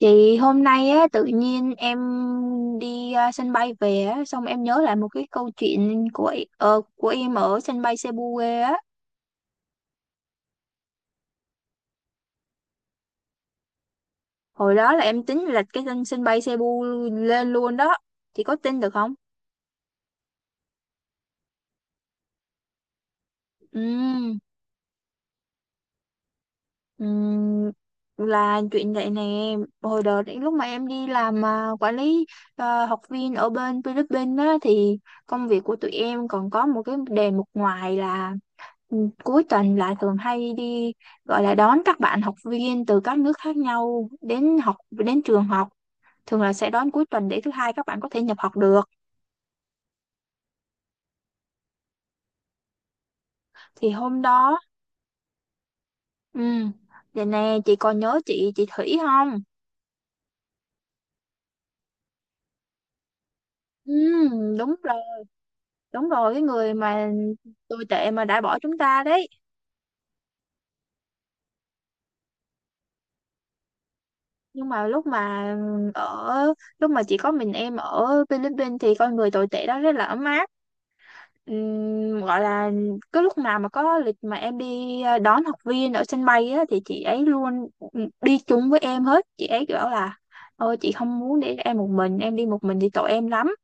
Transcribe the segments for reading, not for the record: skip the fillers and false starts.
Chị hôm nay á, tự nhiên em đi à, sân bay về á, xong em nhớ lại một cái câu chuyện của của em ở sân bay Cebu quê á. Hồi đó là em tính là cái sân sân bay Cebu lên luôn đó. Chị có tin được không? Ừ, là chuyện vậy nè. Hồi đó đến lúc mà em đi làm quản lý học viên ở bên Philippines á, thì công việc của tụi em còn có một cái đề mục ngoài là Ừ, cuối tuần lại thường hay đi gọi là đón các bạn học viên từ các nước khác nhau đến học đến trường học, thường là sẽ đón cuối tuần để thứ hai các bạn có thể nhập học được. Thì hôm đó, ừ, vậy nè, chị còn nhớ chị Thủy không? Ừ, đúng rồi, đúng rồi, cái người mà tồi tệ mà đã bỏ chúng ta đấy. Nhưng mà lúc mà, ở chỉ có mình em ở Philippines thì con người tồi tệ đó rất là ấm áp. Gọi là cái lúc nào mà có lịch mà em đi đón học viên ở sân bay á, thì chị ấy luôn đi chung với em hết. Chị ấy bảo là ôi chị không muốn để em một mình, em đi một mình thì tội em lắm.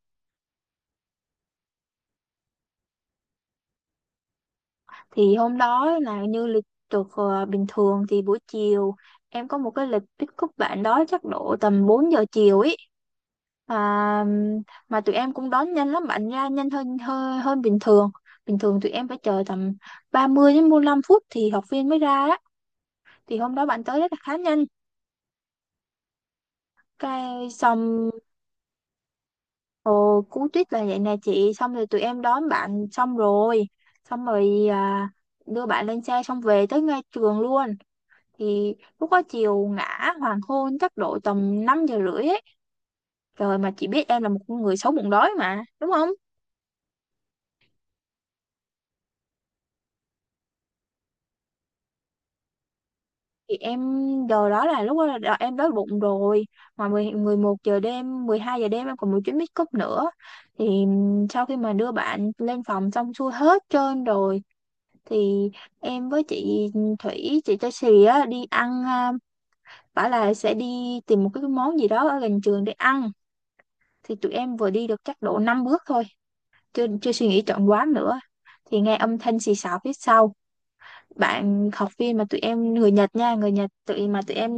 Thì hôm đó là như lịch được, bình thường thì buổi chiều em có một cái lịch pick up bạn đó chắc độ tầm 4 giờ chiều ấy. À, mà tụi em cũng đón nhanh lắm, bạn ra nhanh hơn hơn hơn bình thường. Bình thường tụi em phải chờ tầm 30 đến 45 phút thì học viên mới ra á, thì hôm đó bạn tới rất là khá nhanh. Cái xong, cú tuyết là vậy nè chị. Xong rồi tụi em đón bạn xong rồi, xong rồi, đưa bạn lên xe xong về tới ngay trường luôn. Thì lúc đó chiều ngã hoàng hôn chắc độ tầm 5 giờ rưỡi ấy. Trời, mà chị biết em là một con người xấu bụng đói mà, đúng không? Thì em giờ đó là, lúc đó là em đói bụng rồi, mà mười, 11 giờ đêm, 12 giờ đêm em còn một chuyến pick up nữa. Thì sau khi mà đưa bạn lên phòng xong xuôi hết trơn rồi thì em với chị Thủy, chị Tracy á, đi ăn. Bảo là sẽ đi tìm một cái món gì đó ở gần trường để ăn. Thì tụi em vừa đi được chắc độ 5 bước thôi, chưa chưa suy nghĩ chọn quán nữa, thì nghe âm thanh xì xào phía sau. Bạn học viên mà tụi em người Nhật nha, người Nhật tụi mà tụi em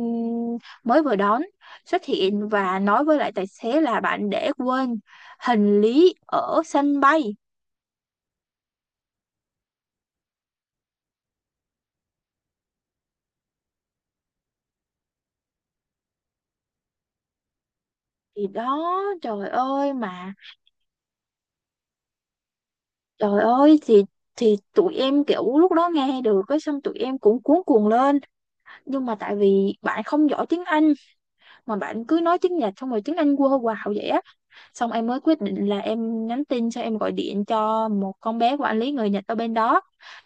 mới vừa đón, xuất hiện và nói với lại tài xế là bạn để quên hành lý ở sân bay. Thì đó, trời ơi, mà trời ơi, thì tụi em kiểu lúc đó nghe được cái xong tụi em cũng cuống cuồng lên. Nhưng mà tại vì bạn không giỏi tiếng Anh mà bạn cứ nói tiếng Nhật xong rồi tiếng Anh quơ quào vậy á, xong em mới quyết định là em nhắn tin xong em gọi điện cho một con bé của anh lý người Nhật ở bên đó.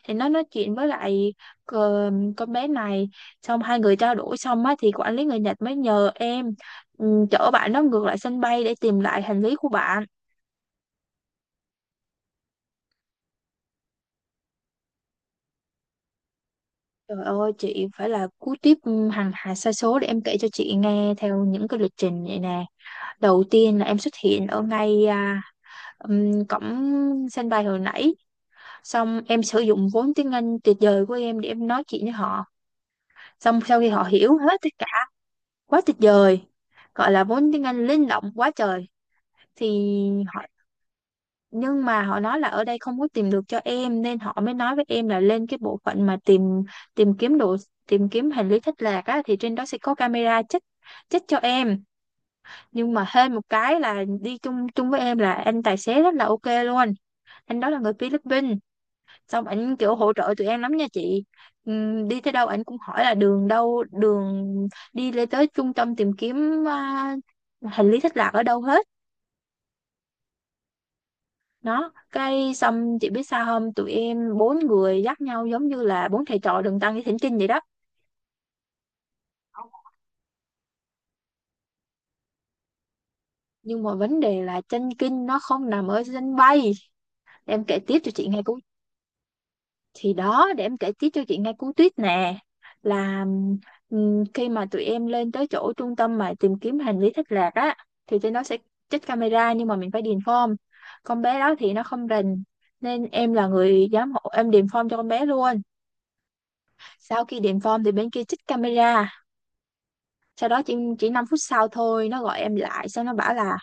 Thì nó nói chuyện với lại, ờ, con bé này, xong hai người trao đổi xong á thì quản lý người Nhật mới nhờ em, chở bạn nó ngược lại sân bay để tìm lại hành lý của bạn. Trời ơi chị, phải là cú tiếp, hàng hà sa số để em kể cho chị nghe theo những cái lịch trình vậy nè. Đầu tiên là em xuất hiện ở ngay cổng sân bay hồi nãy, xong em sử dụng vốn tiếng Anh tuyệt vời của em để em nói chuyện với họ, xong sau khi họ hiểu hết tất cả. Quá tuyệt vời, gọi là vốn tiếng Anh linh động quá trời. Thì họ, nhưng mà họ nói là ở đây không có tìm được cho em, nên họ mới nói với em là lên cái bộ phận mà tìm, tìm kiếm đồ, tìm kiếm hành lý thất lạc á, thì trên đó sẽ có camera check, check cho em. Nhưng mà hên một cái là đi chung chung với em là anh tài xế rất là ok luôn. Anh đó là người Philippines, xong ảnh kiểu hỗ trợ tụi em lắm nha chị. Đi tới đâu ảnh cũng hỏi là đường đâu, đường đi lên tới trung tâm tìm kiếm, hành lý thất lạc ở đâu hết. Nó cái xong, chị biết sao không, tụi em bốn người dắt nhau giống như là bốn thầy trò Đường Tăng đi thỉnh kinh vậy đó. Nhưng mà vấn đề là chân kinh nó không nằm ở sân bay. Em kể tiếp cho chị nghe câu, thì đó, để em kể tiếp cho chị nghe cú tuyết nè, là khi mà tụi em lên tới chỗ trung tâm mà tìm kiếm hành lý thất lạc á, thì trên đó sẽ trích camera nhưng mà mình phải điền form. Con bé đó thì nó không rành nên em là người giám hộ, em điền form cho con bé luôn. Sau khi điền form thì bên kia trích camera, sau đó chỉ 5 phút sau thôi, nó gọi em lại, xong nó bảo là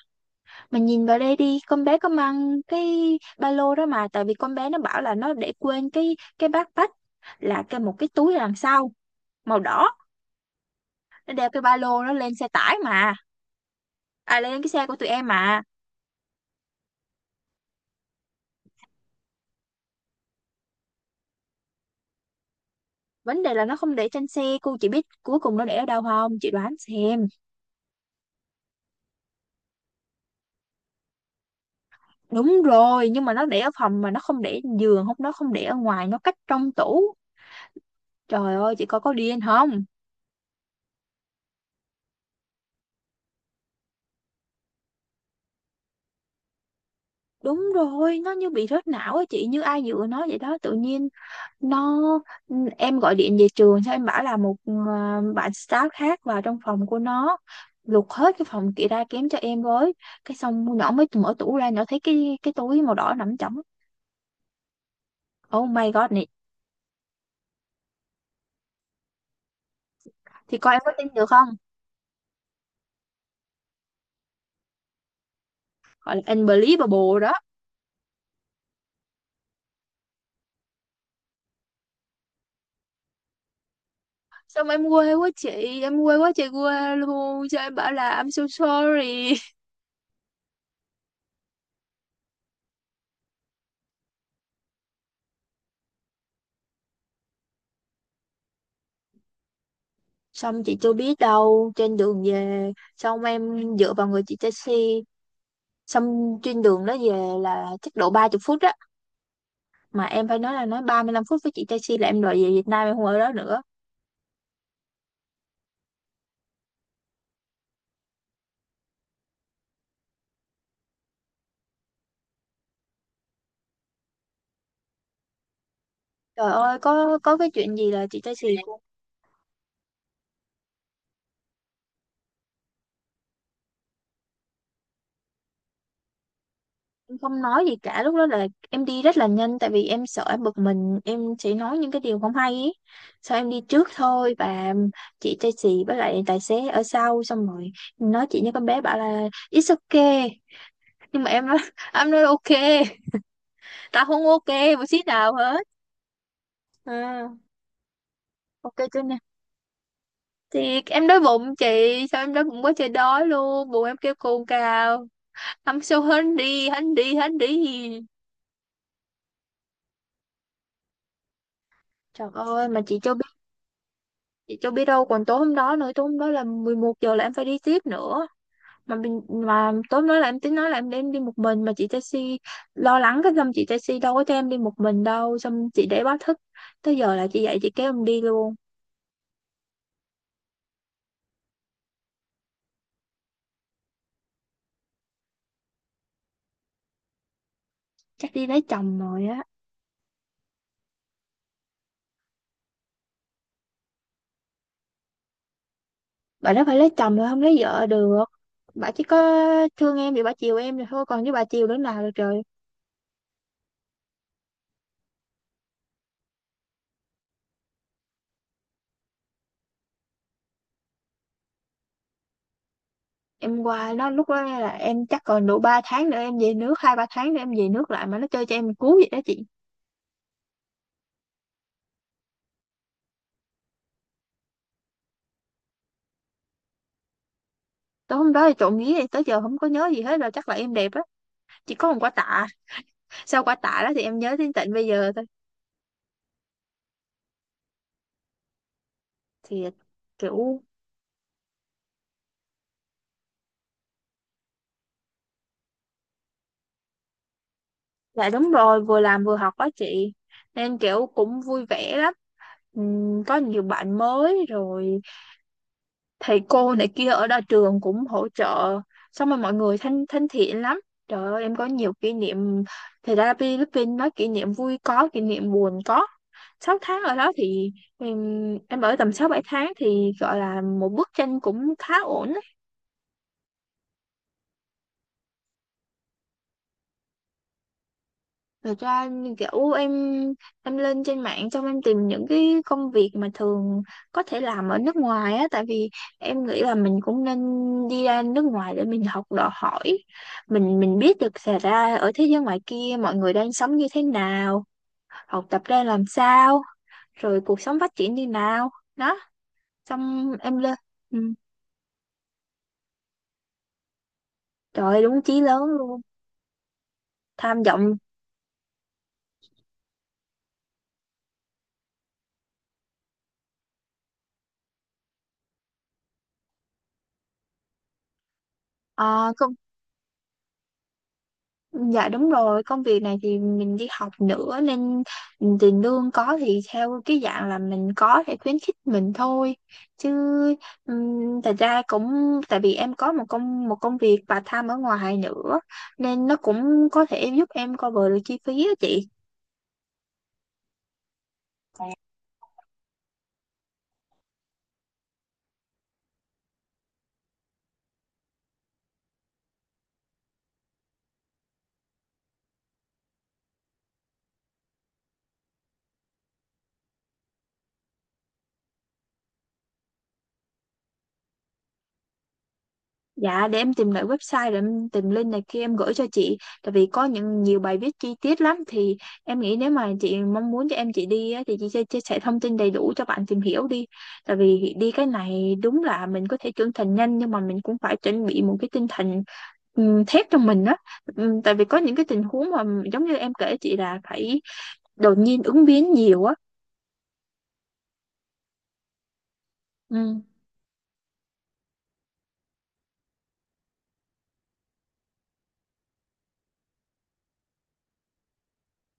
mà nhìn vào đây đi, con bé có mang cái ba lô đó mà, tại vì con bé nó bảo là nó để quên cái backpack là cái, một cái túi đằng sau màu đỏ, nó đeo cái ba lô nó lên xe tải mà, à lên cái xe của tụi em mà. Vấn đề là nó không để trên xe, cô chỉ biết cuối cùng nó để ở đâu không? Chị đoán xem. Đúng rồi, nhưng mà nó để ở phòng mà nó không để giường, không, nó không để ở ngoài, nó cách trong tủ. Trời ơi, chị coi có điên không? Đúng rồi, nó như bị rớt não á chị, như ai dựa nó vậy đó. Tự nhiên nó, ừ, em gọi điện về trường sao em bảo là một, bạn staff khác vào trong phòng của nó lục hết cái phòng kia ra kém cho em với. Cái xong nhỏ mới mở tủ ra, nhỏ thấy cái túi màu đỏ nằm trống. Oh my god này. Thì coi em có tin được không, gọi là unbelievable đó. Xong em quê quá chị, em quê quá trời quê luôn, cho em bảo là I'm so sorry. Xong chị chưa biết đâu, trên đường về, xong em dựa vào người chị taxi, xong trên đường đó về là chắc độ 30 phút á, mà em phải nói là nói 35 phút với chị taxi là em đòi về Việt Nam, em không ở đó nữa. Trời ơi, có cái chuyện gì là chị taxi cũng không nói gì cả. Lúc đó là em đi rất là nhanh, tại vì em sợ em bực mình em sẽ nói những cái điều không hay ý, sao em đi trước thôi, và chị taxi với lại tài xế ở sau, xong rồi nói chị với con bé bảo là it's okay. Nhưng mà em nói em nói ok, tao không ok một xí nào hết. à, ok chưa nè? Thì em đói bụng chị, sao em đói bụng quá trời đói luôn, bụng em kêu cồn cào. Ăn sâu hến đi, so đi, hungry đi. Trời ơi mà chị cho biết, chị cho biết đâu còn tối hôm đó nữa. Tối hôm đó là 11 giờ là em phải đi tiếp nữa, mà mình, mà tối hôm đó là em tính nói là em đem đi một mình mà chị taxi lo lắng. Cái xong chị taxi đâu có cho em đi một mình đâu, xong chị để báo thức tới giờ là chị dậy chị kéo em đi luôn. Chắc đi lấy chồng rồi á. Bà đó phải lấy chồng rồi, không lấy vợ được. Bà chỉ có thương em thì bà chiều em rồi thôi, còn với bà chiều đứa nào được trời. Em qua nó lúc đó là em chắc còn độ 3 tháng nữa em về nước, hai ba tháng nữa em về nước lại mà nó chơi cho em một cú vậy đó chị. Tối hôm đó thì trộm vía thì tới giờ không có nhớ gì hết rồi, chắc là em đẹp á, chỉ có một quả tạ. Sau quả tạ đó thì em nhớ đến tận bây giờ thôi. Thì kiểu, dạ đúng rồi, vừa làm vừa học đó chị, nên kiểu cũng vui vẻ lắm. Có nhiều bạn mới rồi, thầy cô này kia ở đa trường cũng hỗ trợ, xong rồi mọi người thân thân thiện lắm. Trời ơi em có nhiều kỷ niệm. Thì ra Philippines nói, kỷ niệm vui có, kỷ niệm buồn có. 6 tháng ở đó thì em, em ở tầm 6-7 tháng thì gọi là một bức tranh cũng khá ổn. Thật ra như kiểu em lên trên mạng xong em tìm những cái công việc mà thường có thể làm ở nước ngoài á, tại vì em nghĩ là mình cũng nên đi ra nước ngoài để mình học đòi hỏi, mình biết được xảy ra ở thế giới ngoài kia mọi người đang sống như thế nào, học tập ra làm sao, rồi cuộc sống phát triển như nào đó. Xong em lên, ừ. Trời ơi, đúng chí lớn luôn, tham vọng. Ờ, dạ đúng rồi, công việc này thì mình đi học nữa nên tiền lương có thì theo cái dạng là mình có thể khuyến khích mình thôi. Chứ thật ra cũng tại vì em có một công việc part time ở ngoài nữa nên nó cũng có thể giúp em cover được chi phí đó chị. Dạ để em tìm lại website rồi em tìm link này kia em gửi cho chị. Tại vì có những nhiều bài viết chi tiết lắm. Thì em nghĩ nếu mà chị mong muốn cho em chị đi á, thì chị sẽ chia sẻ thông tin đầy đủ cho bạn tìm hiểu đi. Tại vì đi cái này đúng là mình có thể trưởng thành nhanh, nhưng mà mình cũng phải chuẩn bị một cái tinh thần thép trong mình á. Tại vì có những cái tình huống mà giống như em kể chị là phải đột nhiên ứng biến nhiều á. Ừm,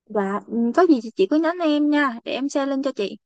Và có gì thì chị cứ nhắn em nha, để em share link cho chị.